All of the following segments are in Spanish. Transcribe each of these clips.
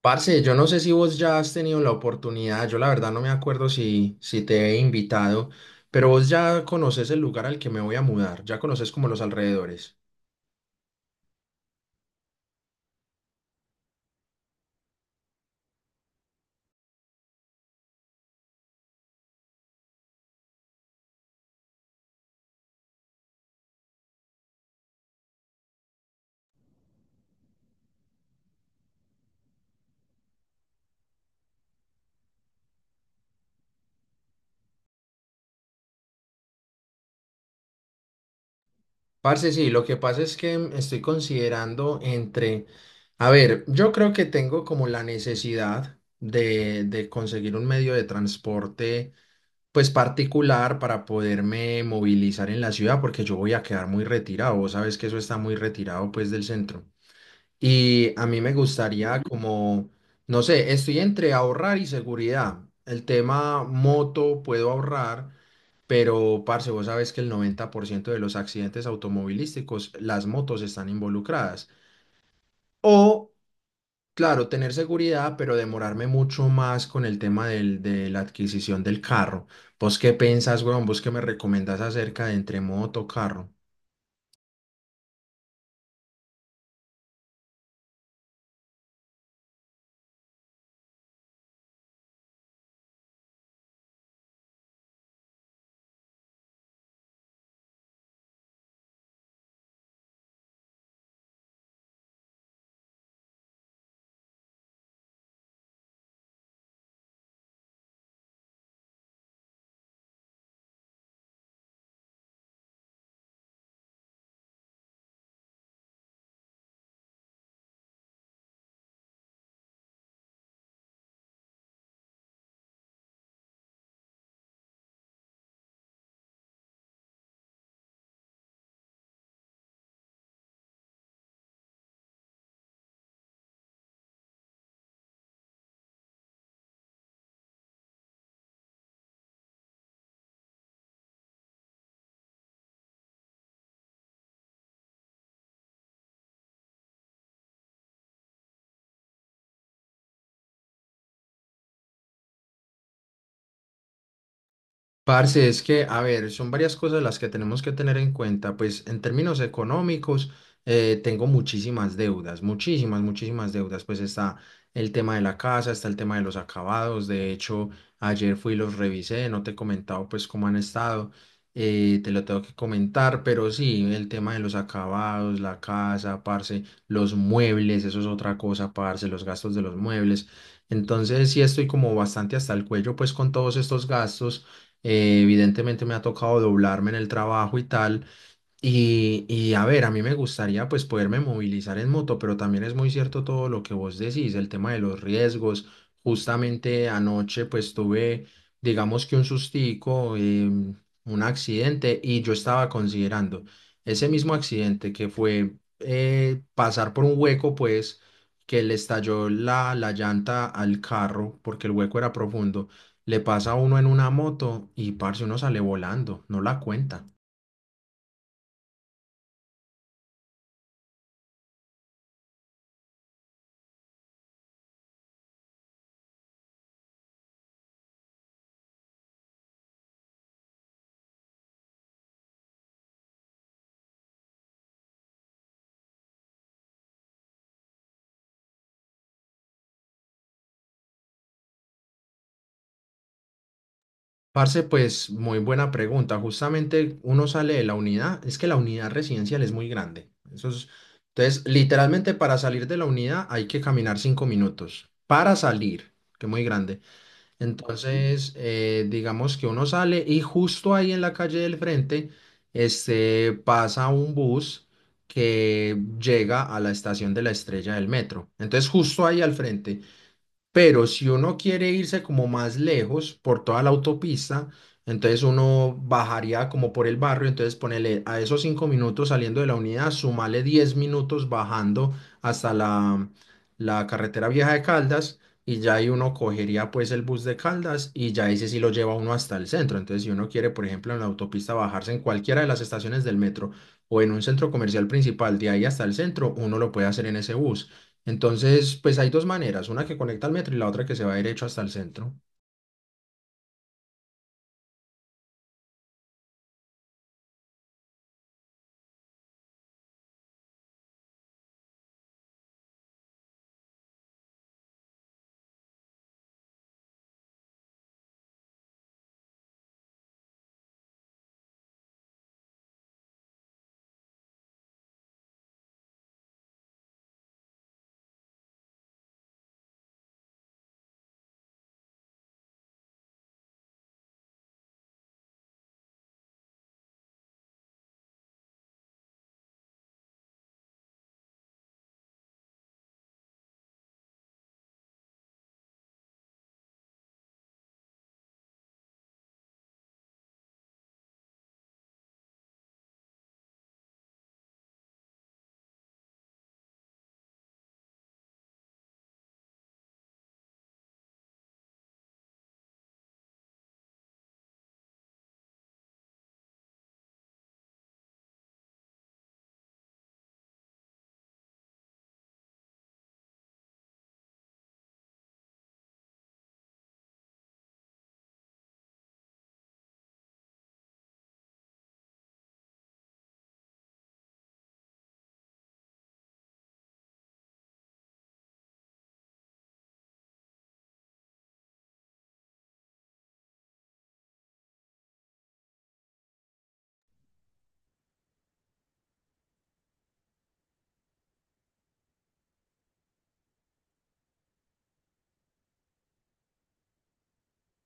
Parce, yo no sé si vos ya has tenido la oportunidad, yo la verdad no me acuerdo si te he invitado, pero vos ya conoces el lugar al que me voy a mudar, ya conoces como los alrededores. Parce, sí, lo que pasa es que estoy considerando entre, a ver, yo creo que tengo como la necesidad de conseguir un medio de transporte pues particular para poderme movilizar en la ciudad porque yo voy a quedar muy retirado, vos sabes que eso está muy retirado pues del centro. Y a mí me gustaría como, no sé, estoy entre ahorrar y seguridad. El tema moto puedo ahorrar, pero parce, vos sabes que el 90% de los accidentes automovilísticos, las motos están involucradas. O, claro, tener seguridad, pero demorarme mucho más con el tema de la adquisición del carro. ¿Vos qué pensás, weón? ¿Vos qué me recomendás acerca de entre moto, carro? Parce, es que, a ver, son varias cosas las que tenemos que tener en cuenta. Pues en términos económicos, tengo muchísimas deudas, muchísimas, muchísimas deudas. Pues está el tema de la casa, está el tema de los acabados. De hecho, ayer fui y los revisé, no te he comentado pues cómo han estado. Te lo tengo que comentar, pero sí, el tema de los acabados, la casa, parce, los muebles, eso es otra cosa, parce, los gastos de los muebles. Entonces, sí estoy como bastante hasta el cuello pues con todos estos gastos, evidentemente me ha tocado doblarme en el trabajo y tal, y a ver, a mí me gustaría pues poderme movilizar en moto, pero también es muy cierto todo lo que vos decís, el tema de los riesgos. Justamente anoche pues tuve, digamos que un sustico, un accidente, y yo estaba considerando ese mismo accidente que fue, pasar por un hueco pues que le estalló la llanta al carro porque el hueco era profundo, le pasa a uno en una moto y parce uno sale volando, no la cuenta. Parce, pues muy buena pregunta. Justamente uno sale de la unidad, es que la unidad residencial es muy grande. Entonces, literalmente para salir de la unidad hay que caminar 5 minutos. Para salir, que muy grande. Entonces, digamos que uno sale y justo ahí en la calle del frente, pasa un bus que llega a la estación de la Estrella del Metro. Entonces, justo ahí al frente. Pero si uno quiere irse como más lejos por toda la autopista, entonces uno bajaría como por el barrio, entonces ponele a esos 5 minutos saliendo de la unidad, sumale 10 minutos bajando hasta la carretera vieja de Caldas, y ya ahí uno cogería pues el bus de Caldas y ya ese sí lo lleva uno hasta el centro. Entonces, si uno quiere, por ejemplo, en la autopista bajarse en cualquiera de las estaciones del metro o en un centro comercial principal de ahí hasta el centro, uno lo puede hacer en ese bus. Entonces, pues hay dos maneras, una que conecta al metro y la otra que se va derecho hasta el centro.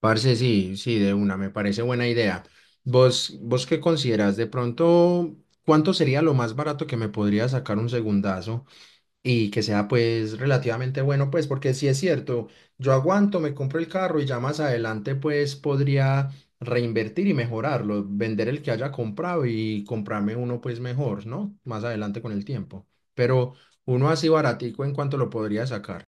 Parce, sí, sí, de una, me parece buena idea. ¿Vos qué consideras? De pronto, ¿cuánto sería lo más barato que me podría sacar un segundazo? Y que sea pues relativamente bueno, pues porque si es cierto, yo aguanto, me compro el carro y ya más adelante pues podría reinvertir y mejorarlo, vender el que haya comprado y comprarme uno pues mejor, ¿no? Más adelante con el tiempo. Pero uno así baratico, en cuanto lo podría sacar.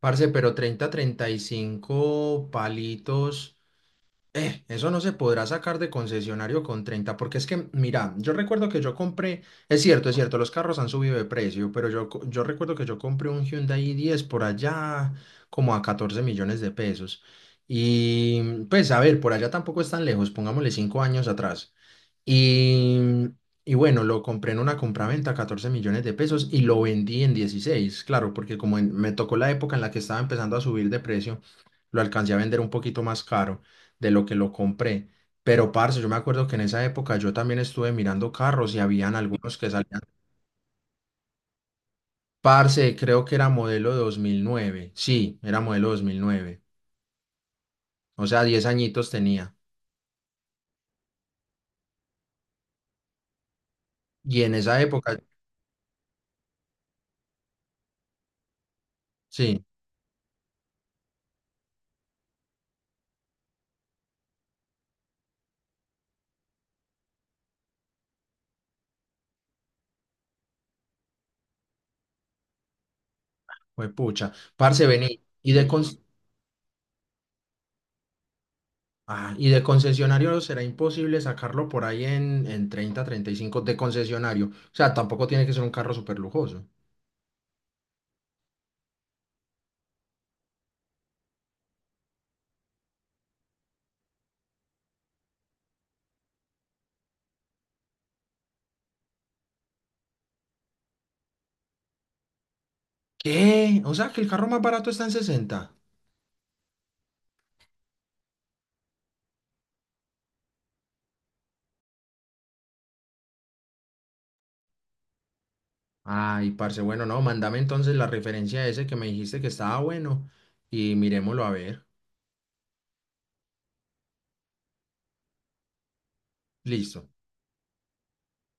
Parce, pero 30, 35 palitos. Eso no se podrá sacar de concesionario con 30, porque es que, mira, yo recuerdo que yo compré, es cierto, los carros han subido de precio, pero yo, yo recuerdo que yo compré un Hyundai i10 por allá como a 14 millones de pesos. Y pues, a ver, por allá tampoco es tan lejos, pongámosle 5 años atrás. Y, y, bueno, lo compré en una compraventa, 14 millones de pesos, y lo vendí en 16, claro, porque me tocó la época en la que estaba empezando a subir de precio, lo alcancé a vender un poquito más caro de lo que lo compré. Pero, parce, yo me acuerdo que en esa época yo también estuve mirando carros y habían algunos que salían. Parce, creo que era modelo 2009. Sí, era modelo 2009. O sea, 10 añitos tenía. Y en esa época, sí, fue pucha. Parce, vení. Ah, y de concesionario será imposible sacarlo por ahí en, 30, 35 de concesionario. O sea, tampoco tiene que ser un carro súper lujoso. ¿Qué? O sea, que el carro más barato está en 60. Ay, parce, bueno, no, mándame entonces la referencia ese que me dijiste que estaba bueno y miremoslo a ver. Listo.